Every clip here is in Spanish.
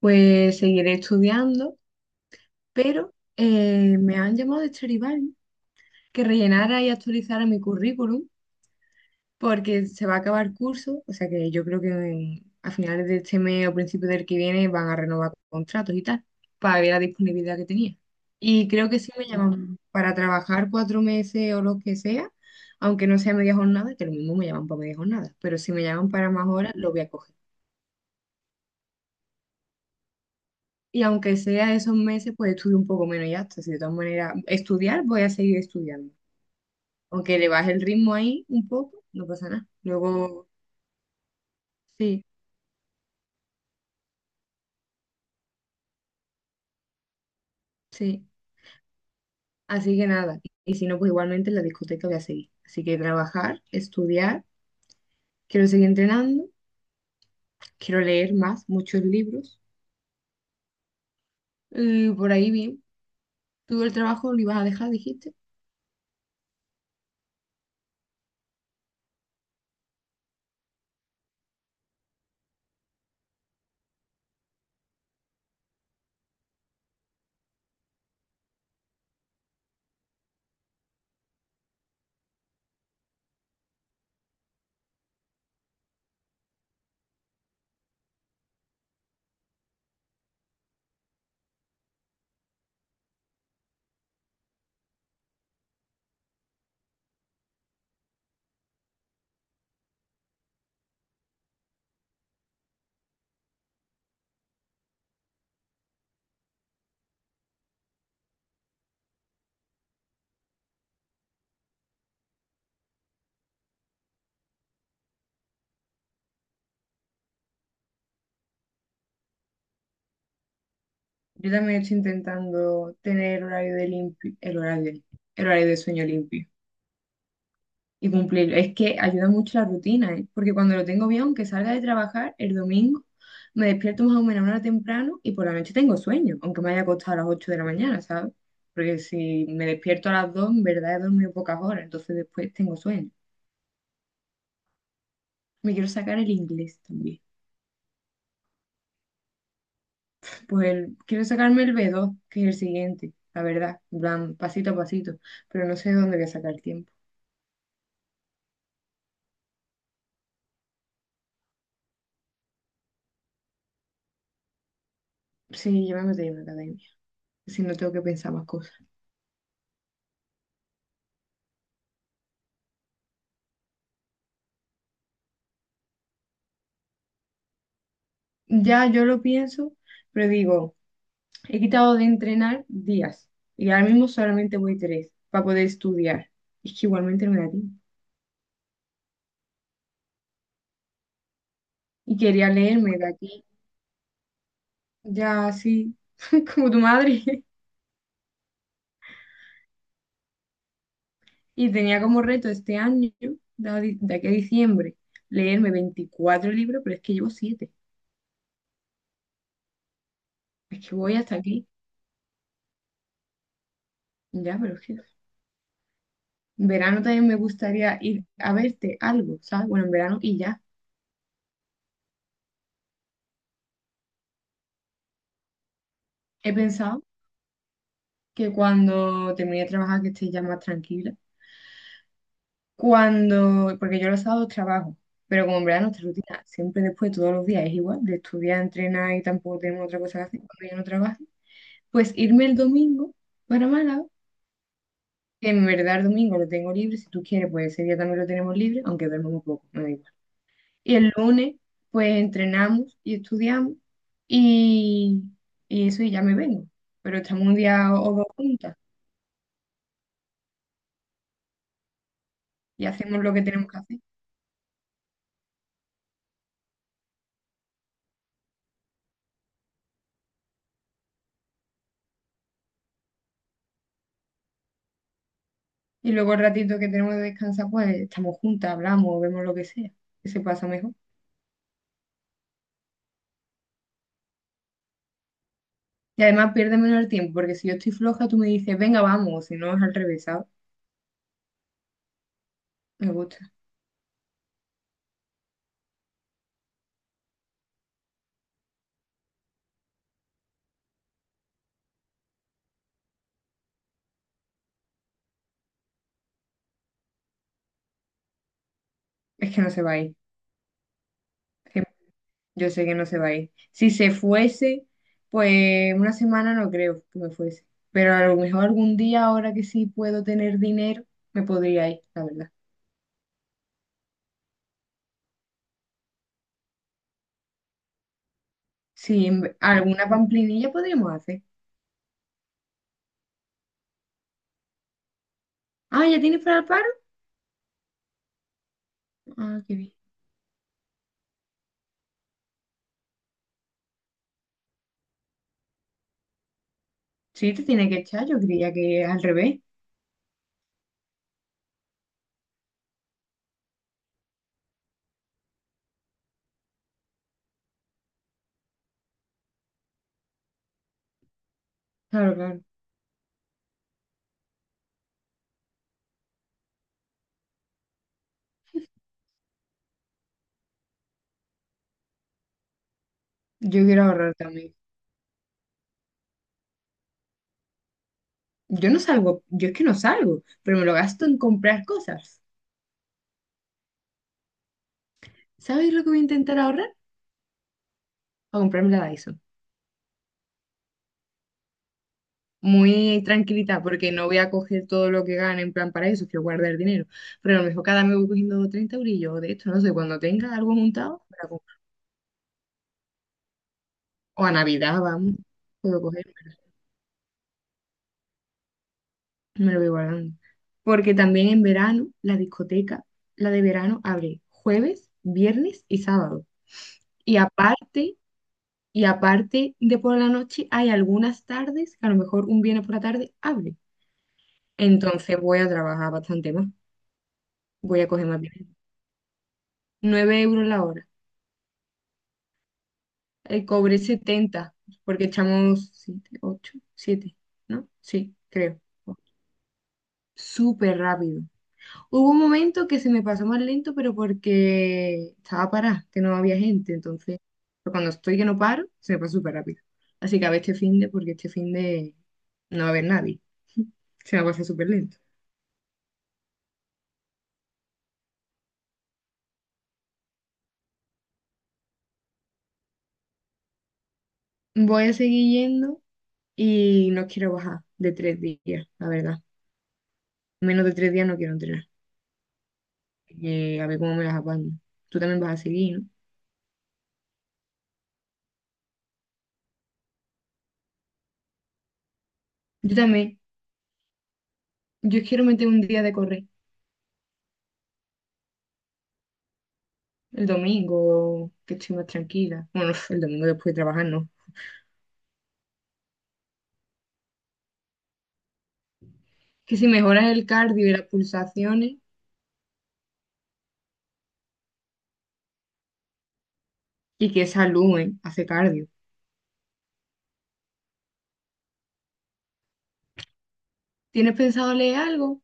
Pues seguiré estudiando, pero me han llamado de Stradivari que rellenara y actualizara mi currículum porque se va a acabar curso, o sea que yo creo que a finales de este mes o principios del que viene van a renovar contratos y tal, para ver la disponibilidad que tenía. Y creo que sí me llaman para trabajar 4 meses o lo que sea, aunque no sea media jornada, que lo mismo me llaman para media jornada, pero si me llaman para más horas, lo voy a coger. Y aunque sea esos meses, pues estudio un poco menos y ya está. Si de todas maneras, estudiar, voy a seguir estudiando. Aunque le baje el ritmo ahí un poco, no pasa nada. Luego, sí, sí. Así que nada. Y si no, pues igualmente en la discoteca voy a seguir. Así que trabajar, estudiar, quiero seguir entrenando, quiero leer más, muchos libros. Y por ahí bien. Tú el trabajo lo ibas a dejar, dijiste. Yo también estoy intentando tener horario de limpio, el horario de sueño limpio. Y cumplirlo. Es que ayuda mucho la rutina, ¿eh? Porque cuando lo tengo bien, aunque salga de trabajar el domingo, me despierto más o menos una hora temprano y por la noche tengo sueño, aunque me haya acostado a las 8 de la mañana, ¿sabes? Porque si me despierto a las 2, en verdad he dormido pocas horas, entonces después tengo sueño. Me quiero sacar el inglés también. Pues quiero sacarme el B2, que es el siguiente, la verdad, en plan, pasito a pasito, pero no sé dónde voy a sacar tiempo. Sí, yo me metería en una academia, si no tengo que pensar más cosas. Ya yo lo pienso, pero digo... He quitado de entrenar días y ahora mismo solamente voy tres para poder estudiar. Es que igualmente no me da tiempo. Y quería leerme de aquí, ya así, como tu madre. Y tenía como reto este año, de de aquí a diciembre, leerme 24 libros, pero es que llevo siete. Es que voy hasta aquí. Ya, pero es que en verano también me gustaría ir a verte algo, ¿sabes? Bueno, en verano y ya. He pensado que cuando termine de trabajar, que esté ya más tranquila. Cuando, porque yo los sábados trabajo, pero como en verdad nuestra rutina siempre después, todos los días es igual, de estudiar, entrenar y tampoco tenemos otra cosa que hacer cuando yo no trabajo, pues irme el domingo para Málaga, que en verdad el domingo lo tengo libre, si tú quieres, pues ese día también lo tenemos libre, aunque duermo muy poco, me da igual. Y el lunes, pues entrenamos y estudiamos y, y eso, y ya me vengo, pero estamos un día o dos juntas y hacemos lo que tenemos que hacer. Y luego el ratito que tenemos de descansar, pues estamos juntas, hablamos, vemos lo que sea, que se pasa mejor. Y además pierde menos el tiempo, porque si yo estoy floja, tú me dices, venga, vamos, si no es al revés, ¿sabes? Me gusta. Es que no se va a ir. Es que yo sé que no se va a ir. Si se fuese, pues una semana no creo que me fuese. Pero a lo mejor algún día, ahora que sí puedo tener dinero, me podría ir, la verdad. Sí, alguna pamplinilla podríamos hacer. Ah, ¿ya tienes para el paro? Ah, qué bien. Sí, te tiene que echar, yo creía que al revés. Claro, claro. Yo quiero ahorrar también. Yo no salgo, yo es que no salgo, pero me lo gasto en comprar cosas. ¿Sabes lo que voy a intentar ahorrar? A comprarme la Dyson. Muy tranquilita, porque no voy a coger todo lo que gane en plan para eso, quiero guardar dinero. Pero a lo mejor cada mes voy cogiendo 30 eurillos de esto, no sé, cuando tenga algo montado, me la compro. O a Navidad, vamos, puedo coger, me lo voy guardando. Porque también en verano, la discoteca, la de verano, abre jueves, viernes y sábado. Y aparte, de por la noche, hay algunas tardes que a lo mejor un viernes por la tarde abre. Entonces voy a trabajar bastante más. Voy a coger más dinero. 9 euros la hora. Cobré 70 porque echamos siete, ocho, siete, ¿no? Sí, creo. Súper rápido. Hubo un momento que se me pasó más lento, pero porque estaba parada, que no había gente. Entonces, pero cuando estoy que no paro, se me pasa súper rápido. Así que a ver este finde, porque este finde no va a haber nadie. Se me pasa súper lento. Voy a seguir yendo y no quiero bajar de 3 días, la verdad. Menos de 3 días no quiero entrenar. A ver cómo me las apaño. Tú también vas a seguir, ¿no? Yo también. Yo quiero meter un día de correr. El domingo, que estoy más tranquila. Bueno, el domingo después de trabajar, no. Que si mejoras el cardio y las pulsaciones, y que saluden hace cardio. ¿Tienes pensado leer algo?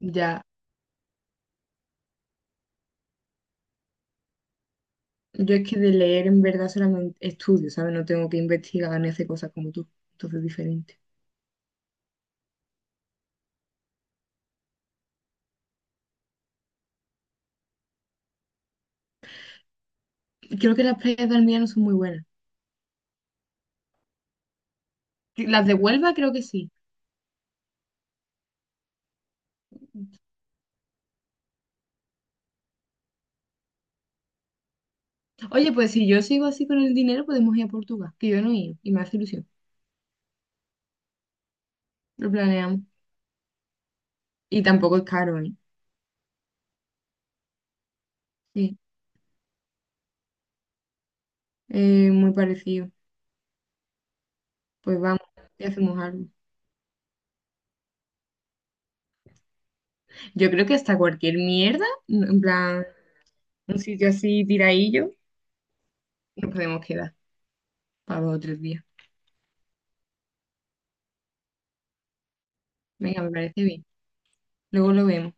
Ya, yo es que de leer en verdad solamente estudio, ¿sabes? No tengo que investigar ni hacer cosas como tú, entonces es diferente. Creo que las playas de Almería no son muy buenas. Las de Huelva creo que sí. Oye, pues si yo sigo así con el dinero, podemos ir a Portugal, que yo no he ido y me hace ilusión. Lo planeamos. Y tampoco es caro, ¿eh? Sí, muy parecido. Pues vamos y hacemos algo. Yo creo que hasta cualquier mierda, ¿no?, en plan, un sitio así tiradillo, y nos podemos quedar para 2 o 3 días. Venga, me parece bien. Luego lo vemos.